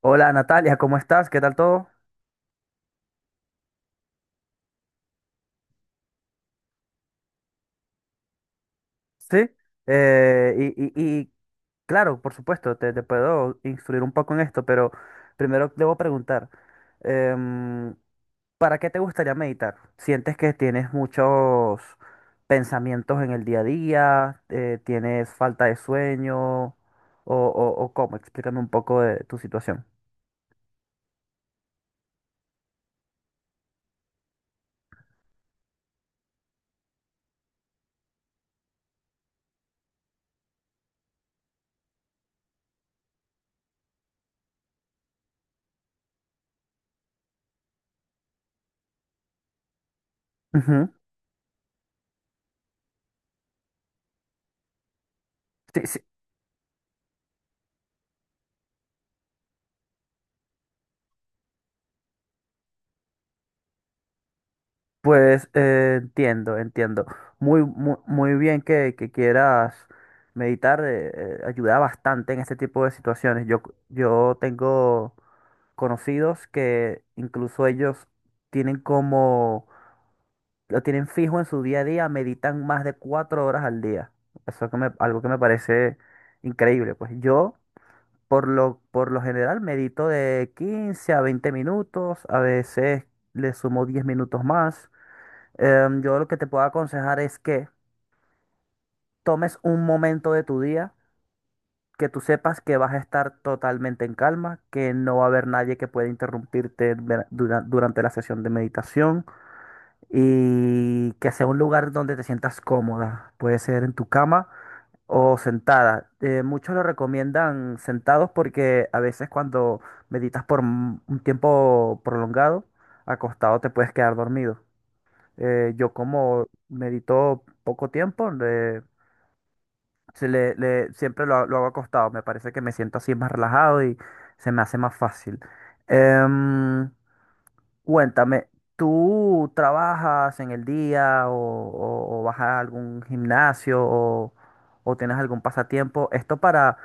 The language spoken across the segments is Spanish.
Hola Natalia, ¿cómo estás? ¿Qué tal todo? Sí, eh, y, y- y, claro, por supuesto, te puedo instruir un poco en esto, pero primero debo preguntar, em, ¿para qué te gustaría meditar? ¿Sientes que tienes muchos pensamientos en el día a día? ¿Tienes falta de sueño? ¿O cómo? Explícame un poco de tu situación. Ujú. Sí, sí. Pues entiendo, entiendo. Muy, muy, muy bien que quieras meditar, ayuda bastante en este tipo de situaciones. Yo tengo conocidos que incluso ellos tienen lo tienen fijo en su día a día, meditan más de 4 horas al día. Algo que me parece increíble. Pues yo, por lo general, medito de 15 a 20 minutos, a veces le sumo 10 minutos más. Yo lo que te puedo aconsejar es que tomes un momento de tu día que tú sepas que vas a estar totalmente en calma, que no va a haber nadie que pueda interrumpirte durante la sesión de meditación y que sea un lugar donde te sientas cómoda. Puede ser en tu cama o sentada. Muchos lo recomiendan sentados porque a veces cuando meditas por un tiempo prolongado, acostado te puedes quedar dormido. Yo como medito poco tiempo, siempre lo hago acostado. Me parece que me siento así más relajado y se me hace más fácil. Em, Cuéntame, ¿tú trabajas en el día o vas a algún gimnasio o tienes algún pasatiempo? Esto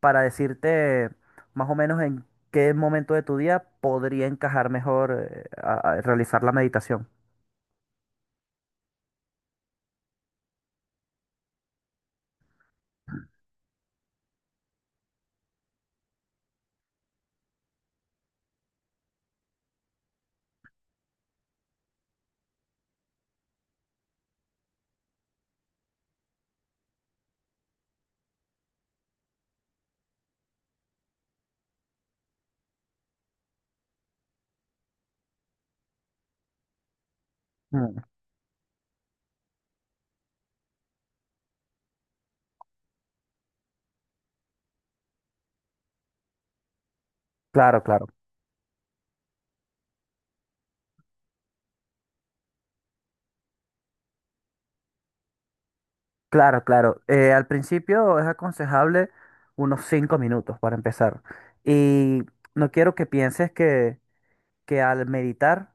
para decirte más o menos en qué momento de tu día podría encajar mejor a realizar la meditación. Mm. Claro, claro. Claro, claro. Al principio es aconsejable unos 5 minutos para empezar. Y no quiero que pienses que al meditar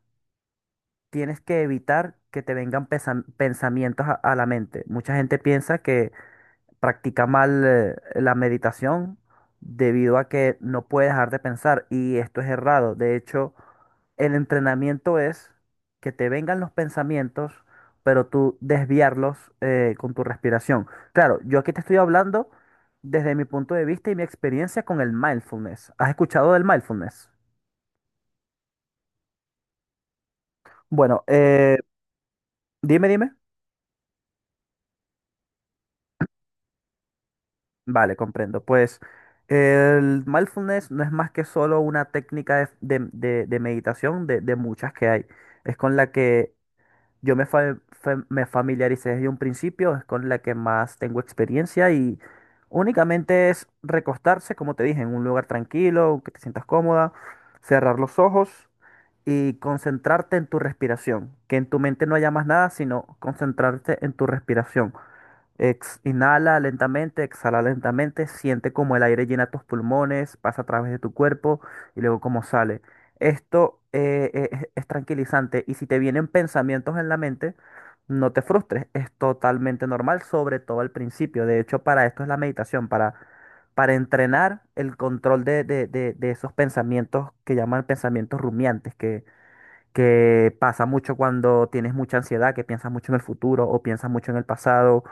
tienes que evitar que te vengan pensamientos a la mente. Mucha gente piensa que practica mal la meditación debido a que no puede dejar de pensar y esto es errado. De hecho, el entrenamiento es que te vengan los pensamientos, pero tú desviarlos con tu respiración. Claro, yo aquí te estoy hablando desde mi punto de vista y mi experiencia con el mindfulness. ¿Has escuchado del mindfulness? Bueno, dime, dime. Vale, comprendo. Pues el mindfulness no es más que solo una técnica de meditación de muchas que hay. Es con la que yo me familiaricé desde un principio, es con la que más tengo experiencia y únicamente es recostarse, como te dije, en un lugar tranquilo, que te sientas cómoda, cerrar los ojos y concentrarte en tu respiración. Que en tu mente no haya más nada, sino concentrarte en tu respiración. Inhala lentamente, exhala lentamente, siente como el aire llena tus pulmones, pasa a través de tu cuerpo y luego cómo sale. Esto es tranquilizante y si te vienen pensamientos en la mente, no te frustres, es totalmente normal, sobre todo al principio. De hecho, para esto es la meditación, para entrenar el control de esos pensamientos que llaman pensamientos rumiantes, que pasa mucho cuando tienes mucha ansiedad, que piensas mucho en el futuro o piensas mucho en el pasado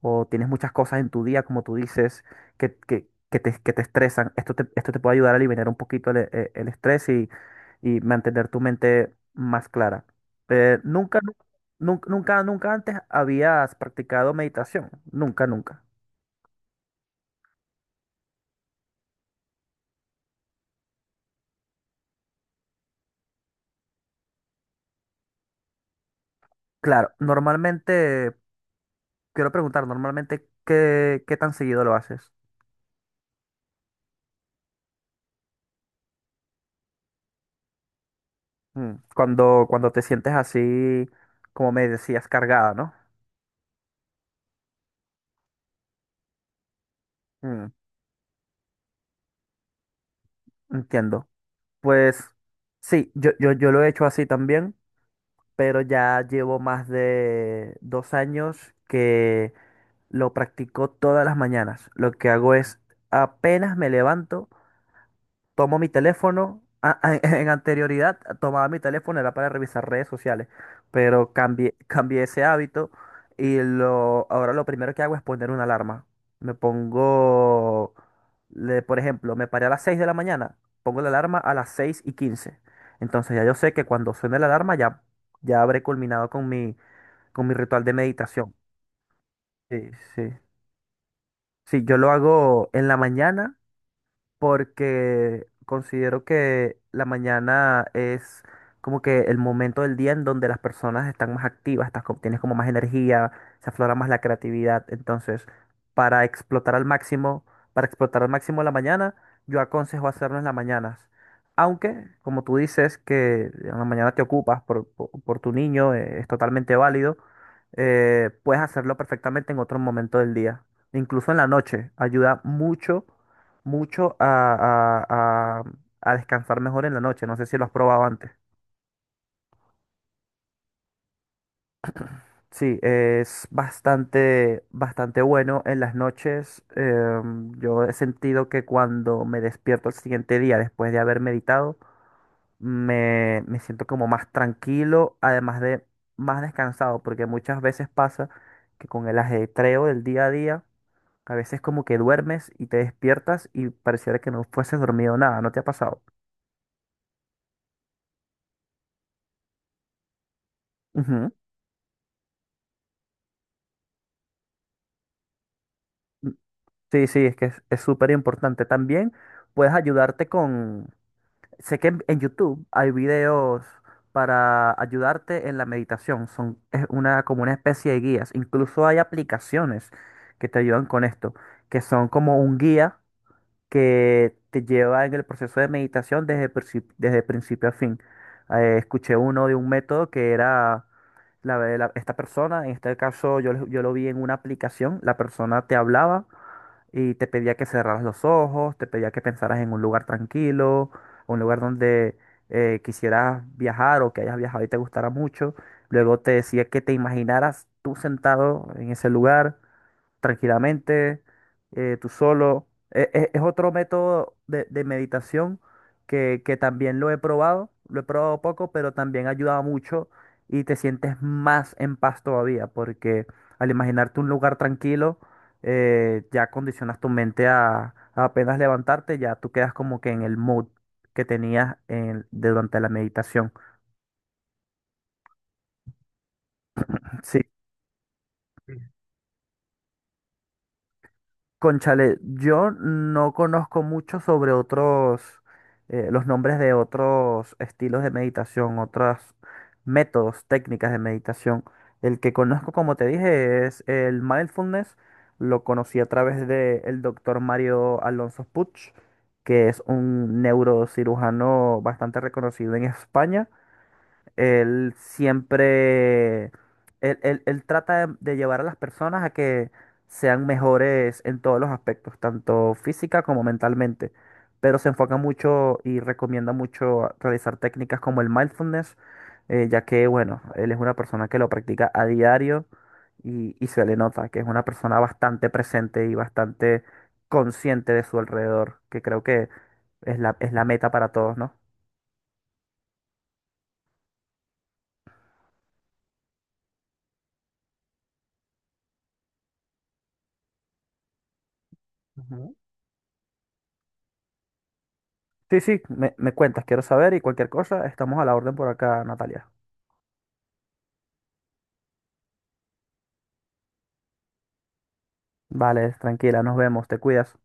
o tienes muchas cosas en tu día, como tú dices, que te estresan. Esto te puede ayudar a liberar un poquito el estrés y mantener tu mente más clara. Eh, nunca, nu- nunca, nunca, nunca antes habías practicado meditación. Nunca, nunca. Claro, normalmente, quiero preguntar, normalmente, ¿qué tan seguido lo haces? Mm. Cuando te sientes así, como me decías, cargada, ¿no? Mm. Entiendo. Pues sí, yo lo he hecho así también, pero ya llevo más de 2 años que lo practico todas las mañanas. Lo que hago es, apenas me levanto, tomo mi teléfono. En anterioridad tomaba mi teléfono, era para revisar redes sociales, pero cambié, cambié ese hábito y ahora lo primero que hago es poner una alarma. Me pongo, por ejemplo, me paré a las 6 de la mañana, pongo la alarma a las 6:15. Entonces ya yo sé que cuando suene la alarma ya habré culminado con mi ritual de meditación. Sí, sí. Sí, yo lo hago en la mañana porque considero que la mañana es como que el momento del día en donde las personas están más activas, tienes como más energía, se aflora más la creatividad. Entonces, para explotar al máximo, para explotar al máximo la mañana, yo aconsejo hacerlo en las mañanas. Aunque, como tú dices, que en la mañana te ocupas por tu niño, es totalmente válido, puedes hacerlo perfectamente en otro momento del día. Incluso en la noche, ayuda mucho mucho a- a- a descansar mejor en la noche. No sé si lo has probado antes. Sí, es bastante, bastante bueno en las noches. Yo he sentido que cuando me despierto el siguiente día después de haber meditado, me siento como más tranquilo, además de más descansado, porque muchas veces pasa que con el ajetreo del día a día, a veces como que duermes y te despiertas y pareciera que no fueses dormido nada, ¿no te ha pasado? Ujú. Sí, sí, es que es súper importante. También puedes ayudarte con... Sé que en YouTube hay videos para ayudarte en la meditación. Son Es una, como una especie de guías. Incluso hay aplicaciones que te ayudan con esto, que son como un guía que te lleva en el proceso de meditación desde, desde principio a fin. Escuché uno de un método que era esta persona, en este caso yo, yo lo vi en una aplicación, la persona te hablaba y te pedía que cerraras los ojos, te pedía que pensaras en un lugar tranquilo, un lugar donde quisieras viajar o que hayas viajado y te gustara mucho. Luego te decía que te imaginaras tú sentado en ese lugar tranquilamente, tú solo. Es otro método de meditación que también lo he probado poco, pero también ayuda mucho y te sientes más en paz todavía, porque al imaginarte un lugar tranquilo, ya condicionas tu mente a apenas levantarte, ya tú quedas como que en el mood que tenías durante la meditación. Sí. Conchale, yo no conozco mucho sobre otros, los nombres de otros estilos de meditación, otros métodos, técnicas de meditación. El que conozco, como te dije, es el mindfulness. Lo conocí a través del doctor Mario Alonso Puig, que es un neurocirujano bastante reconocido en España. Él siempre, él- Él trata de llevar a las personas a que sean mejores en todos los aspectos, tanto física como mentalmente, pero se enfoca mucho y recomienda mucho realizar técnicas como el mindfulness, ya que, bueno, él es una persona que lo practica a diario y se le nota que es una persona bastante presente y bastante consciente de su alrededor, que creo que es la meta para todos, ¿no? Sí, sí, me cuentas, quiero saber y cualquier cosa, estamos a la orden por acá, Natalia. Vale, tranquila, nos vemos, te cuidas.